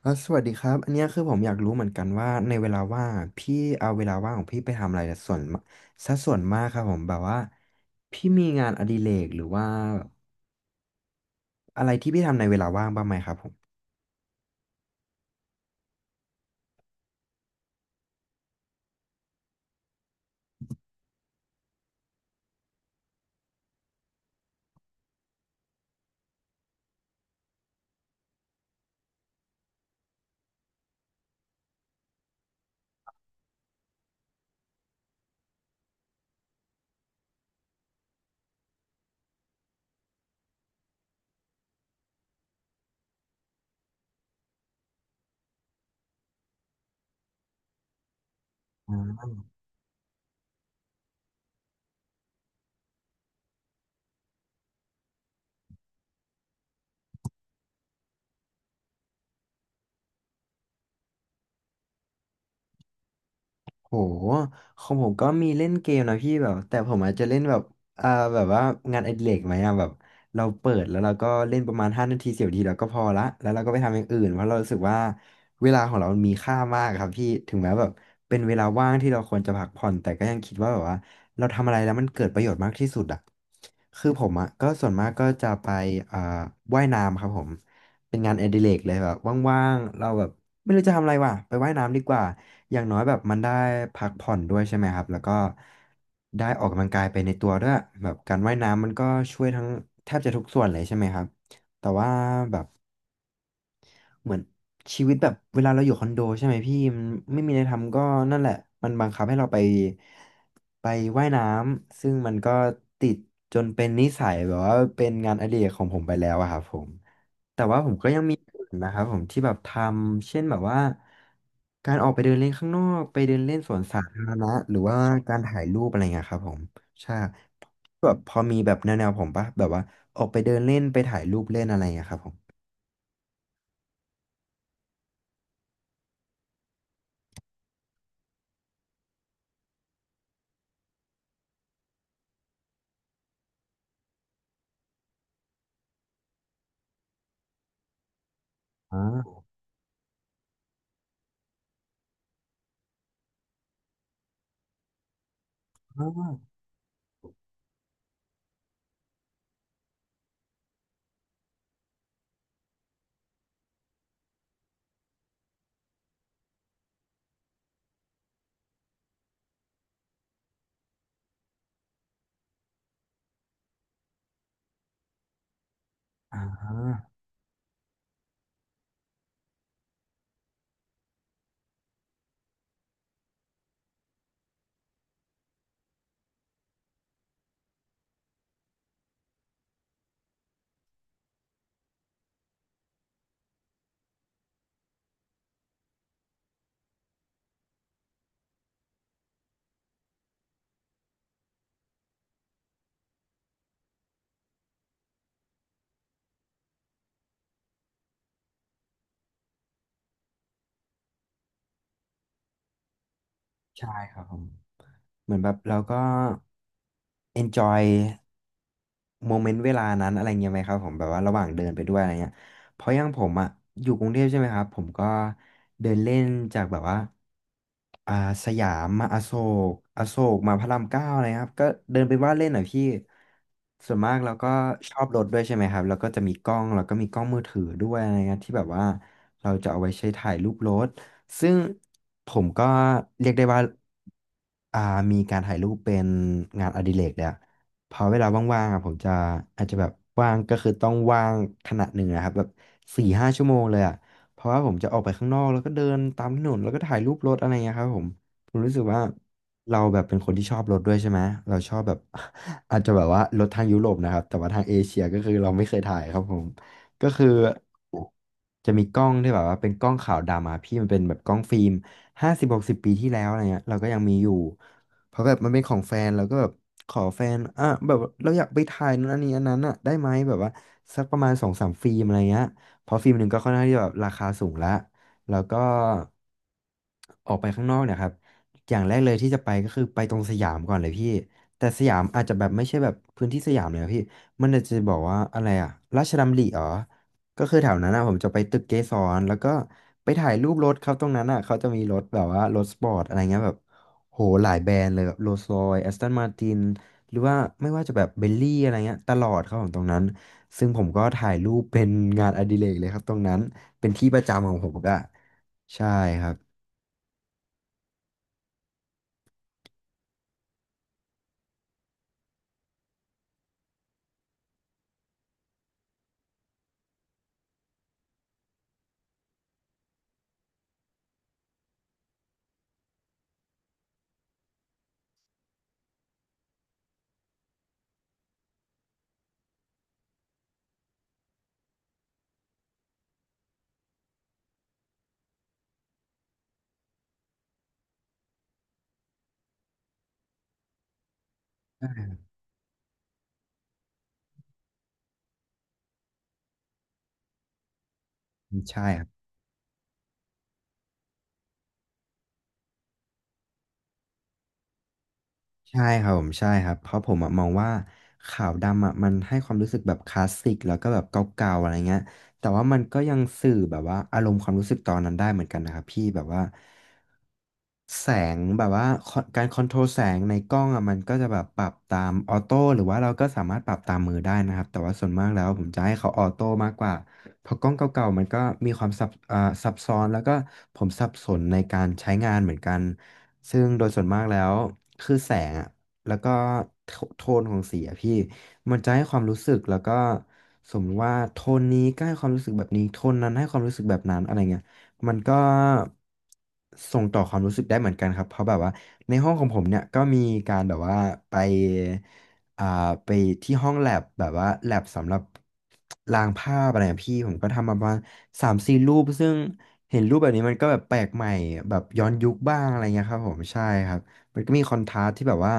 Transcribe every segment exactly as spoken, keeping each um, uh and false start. เอ่ะสวัสดีครับอันเนี้ยคือผมอยากรู้เหมือนกันว่าในเวลาว่างอะพี่เอาเวลาว่างของพี่ไปทำอะไรส่วนซะส่วนมากครับผมแบบว่าพี่มีงานอดิเรกหรือว่าอะไรที่พี่ทำในเวลาว่างบ้างไหมครับผมอ่า โหของผมก็มีเล่นเกมนะพี่แบบแต่ผมอาจจะเล่นแบบอ่าแบบว่างานอดิเรกไหมอ่ะแบบเราเปิดแล้วเราก็เล่นประมาณห้านาทีสิบนาทีเราก็พอละแล้วเราก็ไปทำอย่างอื่นเพราะเรารู้สึกว่าเวลาของเรามันมีค่ามากครับพี่ถึงแม้แบบเป็นเวลาว่างที่เราควรจะพักผ่อนแต่ก็ยังคิดว่าแบบว่าเราทำอะไรแล้วมันเกิดประโยชน์มากที่สุดอ่ะคือผมอ่ะก็ส่วนมากก็จะไปอ่าว่ายน้ำครับผม เป็นงานอดิเรกเลยแบบว่างๆ เราแบบไม่รู้จะทำอะไรว่ะไปว่ายน้ำดีกว่าอย่างน้อยแบบมันได้พักผ่อนด้วยใช่ไหมครับแล้วก็ได้ออกกำลังกายไปในตัวด้วยแบบการว่ายน้ำมันก็ช่วยทั้งแทบจะทุกส่วนเลยใช่ไหมครับแต่ว่าแบบ เหมือนชีวิตแบบเวลาเราอยู่คอนโดใช่ไหมพี่มันไม่มีอะไรทำก็นั่นแหละมันบังคับให้เราไปไปว่ายน้ำซึ่งมันก็ติดจนเป็นนิสัยแบบว่าเป็นงานอดิเรกของผมไปแล้วอะครับผมแต่ว่าผมก็ยังมีอย่างอื่นนะครับผมที่แบบทำเช่นแบบว่าการออกไปเดินเล่นข้างนอกไปเดินเล่นสวนสาธารณะหรือว่าการถ่ายรูปอะไรเงี้ยครับผมใช่แบบพอมีแบบแนวๆผมปะแบบว่าออกไปเดินเล่นไปถ่ายรูปเล่นอะไรเงี้ยครับผมอ่า ใช่ครับผมเหมือนแบบเราก็ enjoy โมเมนต์เวลานั้นอะไรเงี้ยไหมครับผมแบบว่าระหว่างเดินไปด้วยอะไรเงี้ยเพราะอย่างผมอ่ะอยู่กรุงเทพใช่ไหมครับผมก็เดินเล่นจากแบบว่าอ่าสยามมาอโศกอโศกมาพระรามเก้าอะไรครับก็เดินไปว่าเล่นหน่อยพี่ส่วนมากเราก็ชอบรถด้วยใช่ไหมครับแล้วก็จะมีกล้องแล้วก็มีกล้องมือถือด้วยอะไรเงี้ยที่แบบว่าเราจะเอาไว้ใช้ถ่ายรูปรถซึ่งผมก็เรียกได้ว่าอ่ามีการถ่ายรูปเป็นงานอดิเรกแล้ว พอเวลาว่างๆอ่ะผมจะอาจจะแบบว่างก็คือต้องว่างขนาดหนึ่งนะครับแบบสี่ห้าชั่วโมงเลยอ่ะเพราะว่าผมจะออกไปข้างนอกแล้วก็เดินตามถนนแล้วก็ถ่ายรูปรถอะไรเงี้ยครับผมผมรู้สึกว่าเราแบบเป็นคนที่ชอบรถด้วยใช่ไหมเราชอบแบบ อาจจะแบบว่ารถทางยุโรปนะครับแต่ว่าทางเอเชียก็คือเราไม่เคยถ่ายครับผมก็คือจะมีกล้องที่แบบว่าเป็นกล้องขาวดำอะพี่มันเป็นแบบกล้องฟิล์มห้าสิบหกสิบปีที่แล้วอะไรเงี้ยเราก็ยังมีอยู่ เพราะแบบมันเป็นของแฟนเราก็แบบขอแฟนอ่ะแบบเราอยากไปถ่ายนั้นอันนี้อันนั้นอ่ะได้ไหมแบบว่าสักประมาณสองสามฟิล์มอะไรเงี้ยเพราะฟิล์มหนึ่งก็ค่อนข้างที่จะแบบราคาสูงละแล้วก็ออกไปข้างนอกเนี่ยครับอย่างแรกเลยที่จะไปก็คือไปตรงสยามก่อนเลยพี่แต่สยามอาจจะแบบไม่ใช่แบบพื้นที่สยามเลยอะพี่มันอาจจะบอกว่าอะไรอะราชดำริอ๋อก็คือแถวนั้นอ่ะผมจะไปตึกเกสรแล้วก็ไปถ่ายรูปรถครับตรงนั้นอ่ะเขาจะมีรถแบบว่ารถสปอร์ตอะไรเงี้ยแบบ โหหลายแบรนด์เลยแบบโรลส์รอยซ์แอสตันมาตินหรือว่าไม่ว่าจะแบบเบลลี่อะไรเงี้ยตลอดครับผมตรงนั้นซึ่งผมก็ถ่ายรูปเป็นงานอดิเรกเลยครับตรงนั้นเป็นที่ประจำของผมก็ใช่ครับใช่ ใช่ครับผมใช่ครับเพราะผมอะมองว่าขาวดำอะมันให้ความรู้สึกแบบคลาสสิกแล้วก็แบบเก่าๆอะไรเงี้ยแต่ว่ามันก็ยังสื่อแบบว่าอารมณ์ความรู้สึกตอนนั้นได้เหมือนกันนะครับพี่แบบว่าแสงแบบว่าคอการคอนโทรลแสงในกล้องอะมันก็จะแบบปรับตามออโต้หรือว่าเราก็สามารถปรับตามมือได้นะครับแต่ว่าส่วนมากแล้วผมจะให้เขาออโต้มากกว่าเพราะกล้องเก่าๆมันก็มีความซับอ่าซับซ้อนแล้วก็ผมสับสนในการใช้งานเหมือนกัน ซึ่งโดยส่วนมากแล้วคือแสงอ่ะแล้วก็โทโทนของสีอะพี่มันจะให้ความรู้สึกแล้วก็สมมติว่าโทนนี้ก็ให้ความรู้สึกแบบนี้โทนนั้นให้ความรู้สึกแบบนั้นอะไรเงี้ยมันก็ส่งต่อความรู้สึกได้เหมือนกันครับเพราะแบบว่าในห้องของผมเนี่ยก็มีการแบบว่าไปอ่าไปที่ห้องแลบแบบว่าแลบสำหรับลางภาพอะไรอะพี่ผมก็ทำมาประมาณสามสี่รูปซึ่ง เห็นรูปแบบนี้มันก็แบบแปลกใหม่แบบย้อนยุคบ้างอะไรเงี้ยครับผมใช่ครับมันก็มีคอนทราสต์ที่แบบว่า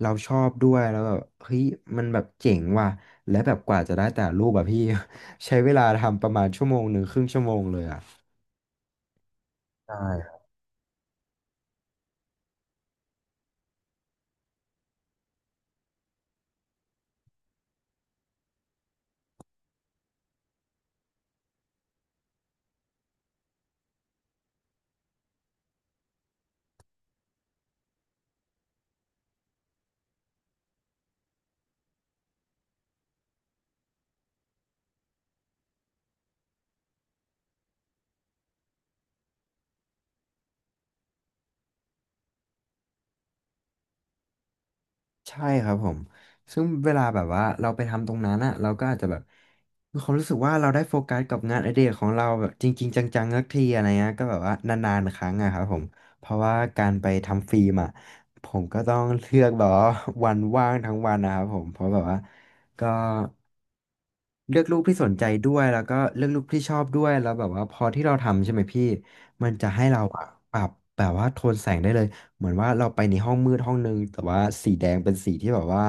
เราชอบด้วยแล้วแบบเฮ้ยมันแบบเจ๋งว่ะและแบบกว่าจะได้แต่ละรูปแบบพี่ ใช้เวลาทำประมาณชั่วโมงหนึ่งครึ่งชั่วโมงเลยอ่ะใช่ ใช่ครับผม ซึ่งเวลาแบบว่าเราไปทำตรงนั้นอะเราก็อาจจะแบบมีความรู้สึกว่าเราได้โฟกัสกับงานอดิเรกของเราแบบจริงๆจังๆสักทีอะไรเงี้ยก็แบบว่านานๆครั้งอะครับผมเพราะว่าการไปทำฟิล์มอะผมก็ต้องเลือกแบบว่า วันว่างทั้งวันนะครับผมเพราะแบบว่าก็เลือกรูปที่สนใจด้วยแล้วก็เลือกรูปที่ชอบด้วยแล้วแบบว่าพอที่เราทำใช่ไหมพี่มันจะให้เราอะปรับแบบว่าโทนแสงได้เลย เหมือนว่าเราไปในห้องมืดห้องนึงแต่ว่าสีแดงเป็นสีที่แบบว่า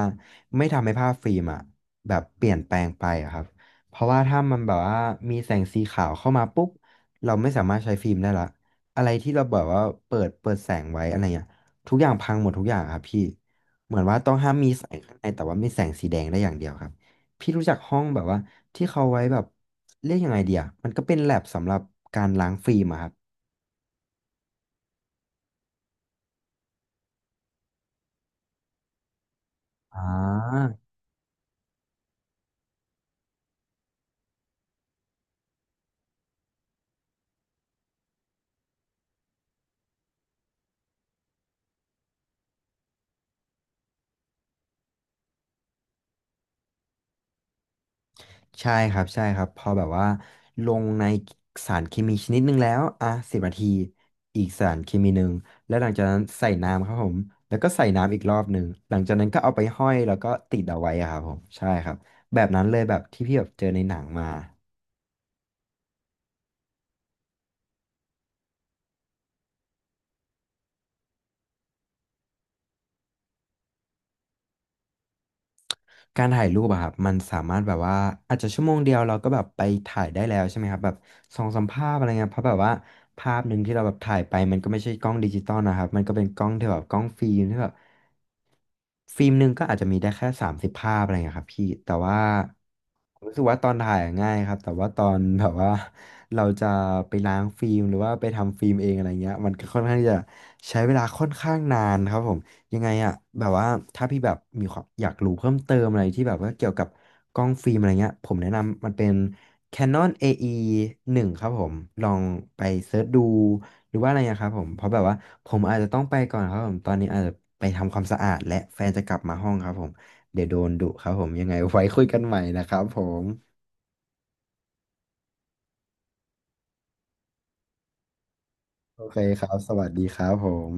ไม่ทำให้ภาพฟิล์มอะแบบเปลี่ยนแปลงไปอะครับเพราะว่าถ้ามันแบบว่ามีแสงสีขาวเข้ามาปุ๊บเราไม่สามารถใช้ฟิล์มได้ละอะไรที่เราแบบว่าเปิดเปิดแสงไว้อะไรเงี้ยทุกอย่างพังหมดทุกอย่างอะครับพี่เหมือนว่าต้องห้ามมีแสงข้างในแต่ว่ามีแสงสีแดงได้อย่างเดียวครับพี่รู้จักห้องแบบว่าที่เขาไว้แบบเรียกยังไงเดียมันก็เป็นแลบสำหรับการล้างฟิล์มอะครับอ่า ใช่ครับใช่ครับพอแบบว่าลงในสารเคมีชนิดหนึ่งแล้วอ่ะสิบนาทีอีกสารเคมีหนึ่งแล้วหลังจากนั้นใส่น้ำครับผมแล้วก็ใส่น้ำอีกรอบหนึ่งหลังจากนั้นก็เอาไปห้อยแล้วก็ติดเอาไว้อะครับผมใช่ครับแบบนั้นเลยแบบที่พี่แบบเจอในหนังมา การถ่ายรูปอะครับมันสามารถแบบว่าอาจจะชั่วโมงเดียวเราก็แบบไปถ่ายได้แล้วใช่ไหมครับแบบสองสามภาพอะไรเงี้ยเพราะแบบว่าภาพหนึ่งที่เราแบบถ่ายไปมันก็ไม่ใช่กล้องดิจิตอลนะครับมันก็เป็นกล้องที่แบบกล้องฟิล์มที่แบบฟิล์มหนึ่งก็อาจจะมีได้แค่สามสิบภาพอะไรเงี้ยครับพี่แต่ว่าผมรู้สึกว่าตอนถ่ายอะง่ายครับแต่ว่าตอนแบบว่าเราจะไปล้างฟิล์มหรือว่าไปทำฟิล์มเองอะไรเงี้ยมันก็ค่อนข้างที่จะใช้เวลาค่อนข้างนานครับผม ยังไงอะแบบว่าถ้าพี่แบบมีความอยากรู้เพิ่มเติมอะไรที่แบบว่าเกี่ยวกับกล้องฟิล์มอะไรเงี้ยผมแนะนำมันเป็น Canon เอ อี วันครับผมลองไปเซิร์ชดูหรือว่าอะไรนะครับผมเพราะแบบว่าผมอาจจะต้องไปก่อนครับผมตอนนี้อาจจะไปทำความสะอาดและแฟนจะกลับมาห้องครับผมเดี๋ยวโดนดุครับผมยังไงไว้คุยกันใหม่นะครับผมโอเคครับสวัสดีครับผม